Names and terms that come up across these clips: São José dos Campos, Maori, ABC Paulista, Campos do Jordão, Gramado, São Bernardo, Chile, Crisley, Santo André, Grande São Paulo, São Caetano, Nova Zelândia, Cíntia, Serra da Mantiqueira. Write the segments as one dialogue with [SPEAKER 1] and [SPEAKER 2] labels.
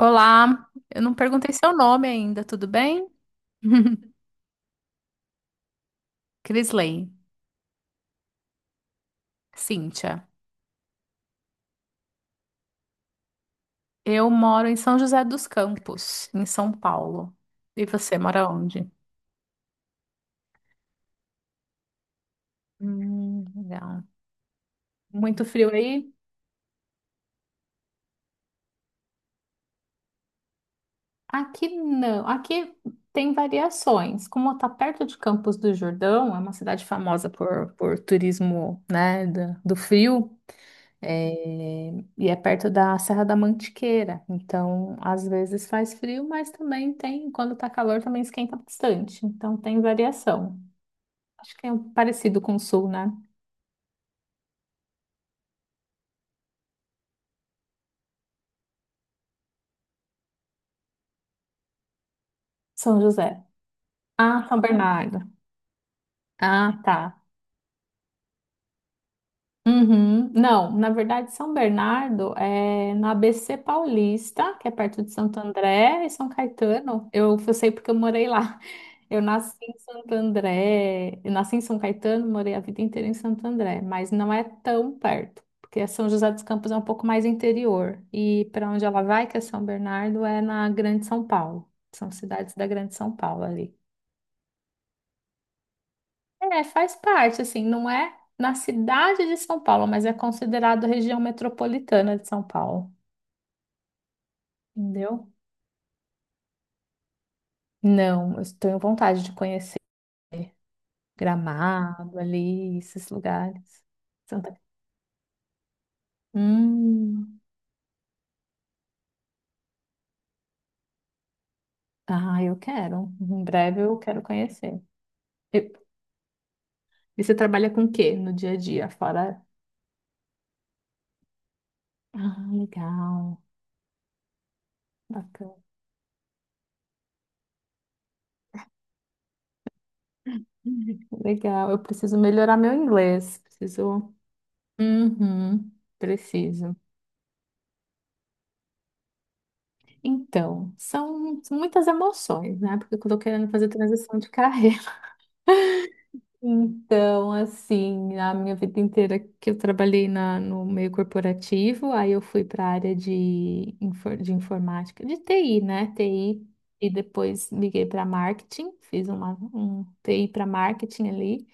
[SPEAKER 1] Olá, eu não perguntei seu nome ainda, tudo bem? Crisley, Cíntia. Eu moro em São José dos Campos, em São Paulo. E você mora onde? Legal. Muito frio aí? Aqui não. Aqui tem variações. Como está perto de Campos do Jordão, é uma cidade famosa por turismo, né, do frio. É, e é perto da Serra da Mantiqueira, então às vezes faz frio, mas também tem, quando tá calor, também esquenta bastante, então tem variação. Acho que é um parecido com o Sul, né? São José. Ah, São Bernardo. Ah, tá. Uhum. Não, na verdade, São Bernardo é no ABC Paulista, que é perto de Santo André e São Caetano. Eu sei porque eu morei lá. Eu nasci em Santo André, eu nasci em São Caetano, morei a vida inteira em Santo André, mas não é tão perto, porque São José dos Campos é um pouco mais interior. E para onde ela vai, que é São Bernardo, é na Grande São Paulo. São cidades da Grande São Paulo ali. É, faz parte, assim, não é na cidade de São Paulo, mas é considerado região metropolitana de São Paulo, entendeu? Não, eu tenho vontade de conhecer Gramado ali, esses lugares. Santa Hum. Ah, eu quero. Em breve eu quero conhecer. E, e você trabalha com o quê no dia a dia? Fora. Ah, legal. Bacana. Legal. Eu preciso melhorar meu inglês. Preciso. Uhum, preciso. Então, são muitas emoções, né? Porque eu tô querendo fazer transição de carreira. Então, assim, a minha vida inteira que eu trabalhei na, no meio corporativo, aí eu fui para a área de, de informática, de TI, né? TI, e depois liguei para marketing, fiz uma, um TI para marketing ali,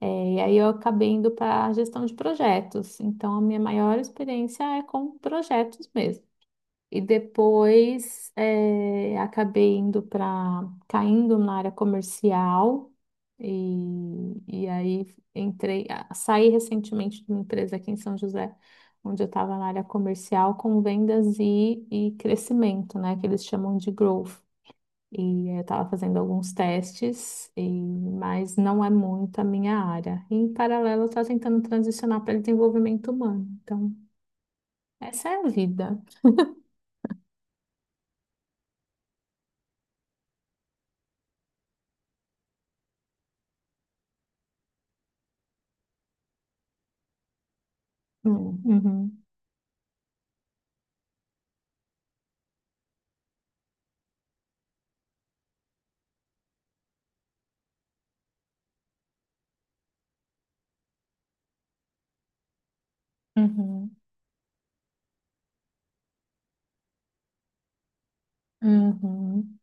[SPEAKER 1] e aí eu acabei indo para gestão de projetos. Então, a minha maior experiência é com projetos mesmo. E depois acabei indo para caindo na área comercial e aí saí recentemente de uma empresa aqui em São José, onde eu estava na área comercial com vendas e crescimento, né? Que eles chamam de growth. E eu estava fazendo alguns testes, mas não é muito a minha área. E em paralelo, eu estava tentando transicionar para desenvolvimento humano. Então, essa é a vida. Uhum, uhum. Uhum,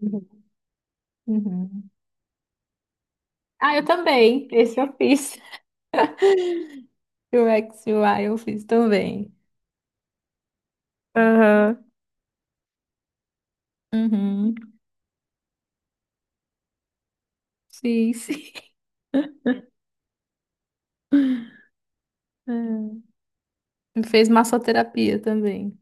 [SPEAKER 1] uhum, uhum. Ah, eu também. Esse eu fiz. O X e o XUI eu fiz também. Aham. Uhum. Sim, sim. Hum. Fez massoterapia também.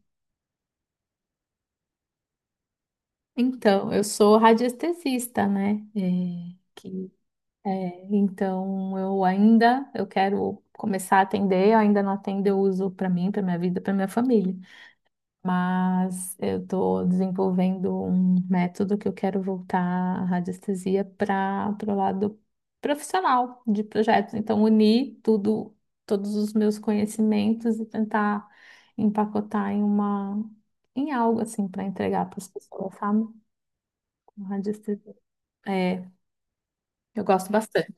[SPEAKER 1] Então, eu sou radiestesista, né? É, então, eu quero começar a atender, eu ainda não atendo, eu uso para mim, para minha vida, para minha família. Mas eu estou desenvolvendo um método que eu quero voltar a radiestesia para o lado profissional de projetos. Então, unir tudo, todos os meus conhecimentos e tentar empacotar em uma, em algo assim para entregar para as pessoas, sabe? Com radiestesia. É, eu gosto bastante.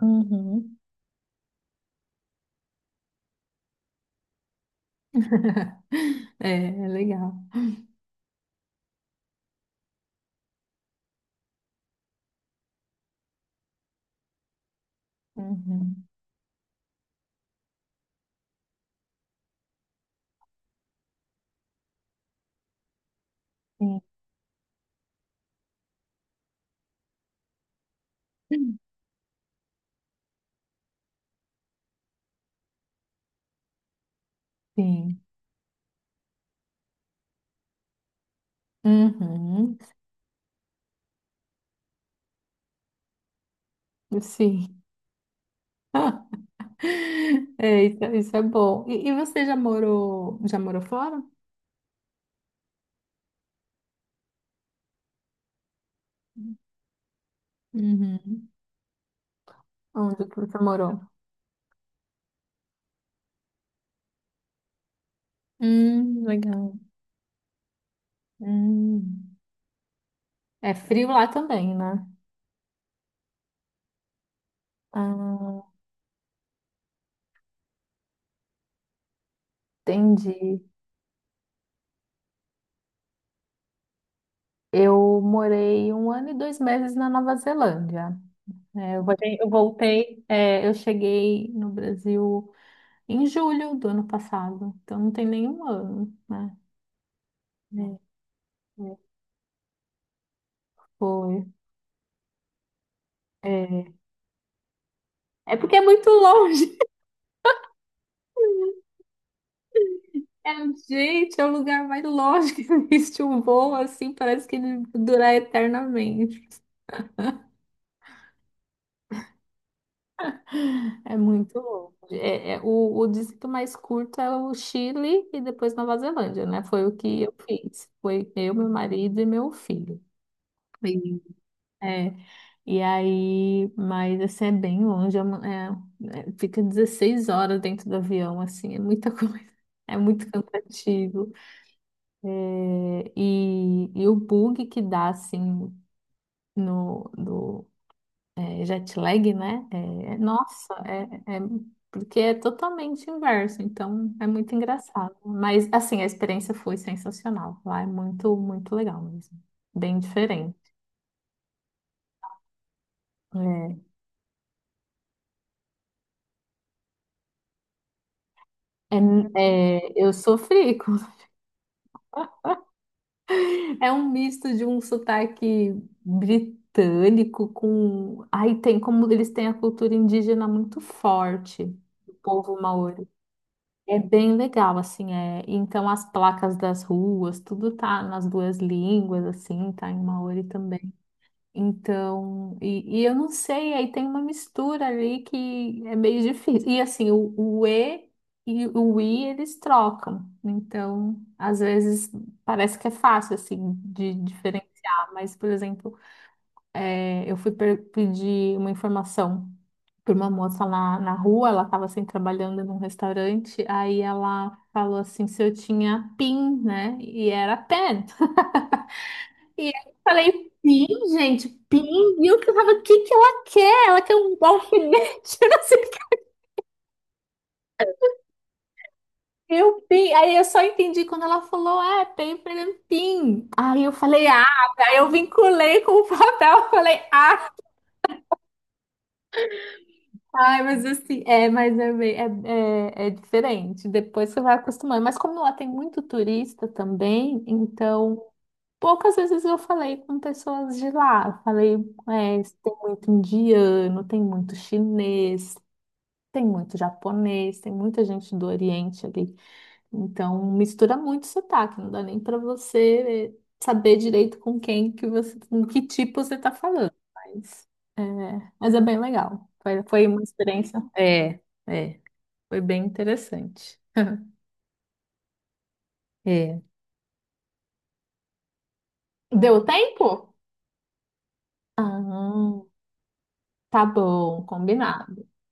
[SPEAKER 1] Uhum. É, é legal. Uhum. Sim. Sim. Uhum. Sim. É, isso é bom. E você já morou fora? Uhum. Onde que você morou? Legal. Hum. É frio lá também, né? Ah, entendi. Eu morei um ano e 2 meses na Nova Zelândia. É, eu cheguei no Brasil em julho do ano passado, então não tem nenhum ano, né? É, é, foi. É, é porque é muito longe. É, gente, é o lugar mais longe que existe um voo, assim, parece que ele durar eternamente. É muito longe. É, o distrito mais curto é o Chile e depois Nova Zelândia, né? Foi o que eu fiz. Foi eu, meu marido e meu filho. Sim. é, e aí, mas assim, é bem longe, fica 16 horas dentro do avião, assim, é muita coisa. É muito cansativo. É, e o bug que dá, assim, no, do jet lag, né? É, nossa, porque é totalmente inverso, então é muito engraçado. Mas assim, a experiência foi sensacional. Lá é muito, muito legal mesmo. Bem diferente. É, é, é, eu sofri. É um misto de um sotaque britânico com. Aí tem como eles têm a cultura indígena muito forte, o povo maori. É bem legal, assim, é. Então as placas das ruas, tudo tá nas duas línguas, assim, tá em Maori também. Então, e eu não sei, aí tem uma mistura ali que é meio difícil. E assim, o E e o I eles trocam. Então, às vezes parece que é fácil, assim, de diferenciar. Mas, por exemplo, eu fui pedir uma informação por uma moça lá na rua, ela estava assim trabalhando num restaurante, aí ela falou assim se eu tinha PIN, né? E era pen. E aí eu falei, PIN, gente, PIN, o que que ela quer? Ela quer um alfinete, eu não sei o que. Eu, PIN. Aí eu só entendi quando ela falou, PIN, PIN. Aí eu falei, ah, aí eu vinculei com o papel, eu falei, ah. Ai, mas assim, é diferente. Depois você vai acostumando. Mas como lá tem muito turista também, então poucas vezes eu falei com pessoas de lá. Eu falei, tem muito indiano, tem muito chinês, tem muito japonês, tem muita gente do Oriente ali. Então, mistura muito sotaque, não dá nem para você saber direito com quem que você, com que tipo você tá falando. É, mas é bem legal. Foi uma experiência. É, é, foi bem interessante. É. Deu tempo? Ah, tá bom, combinado.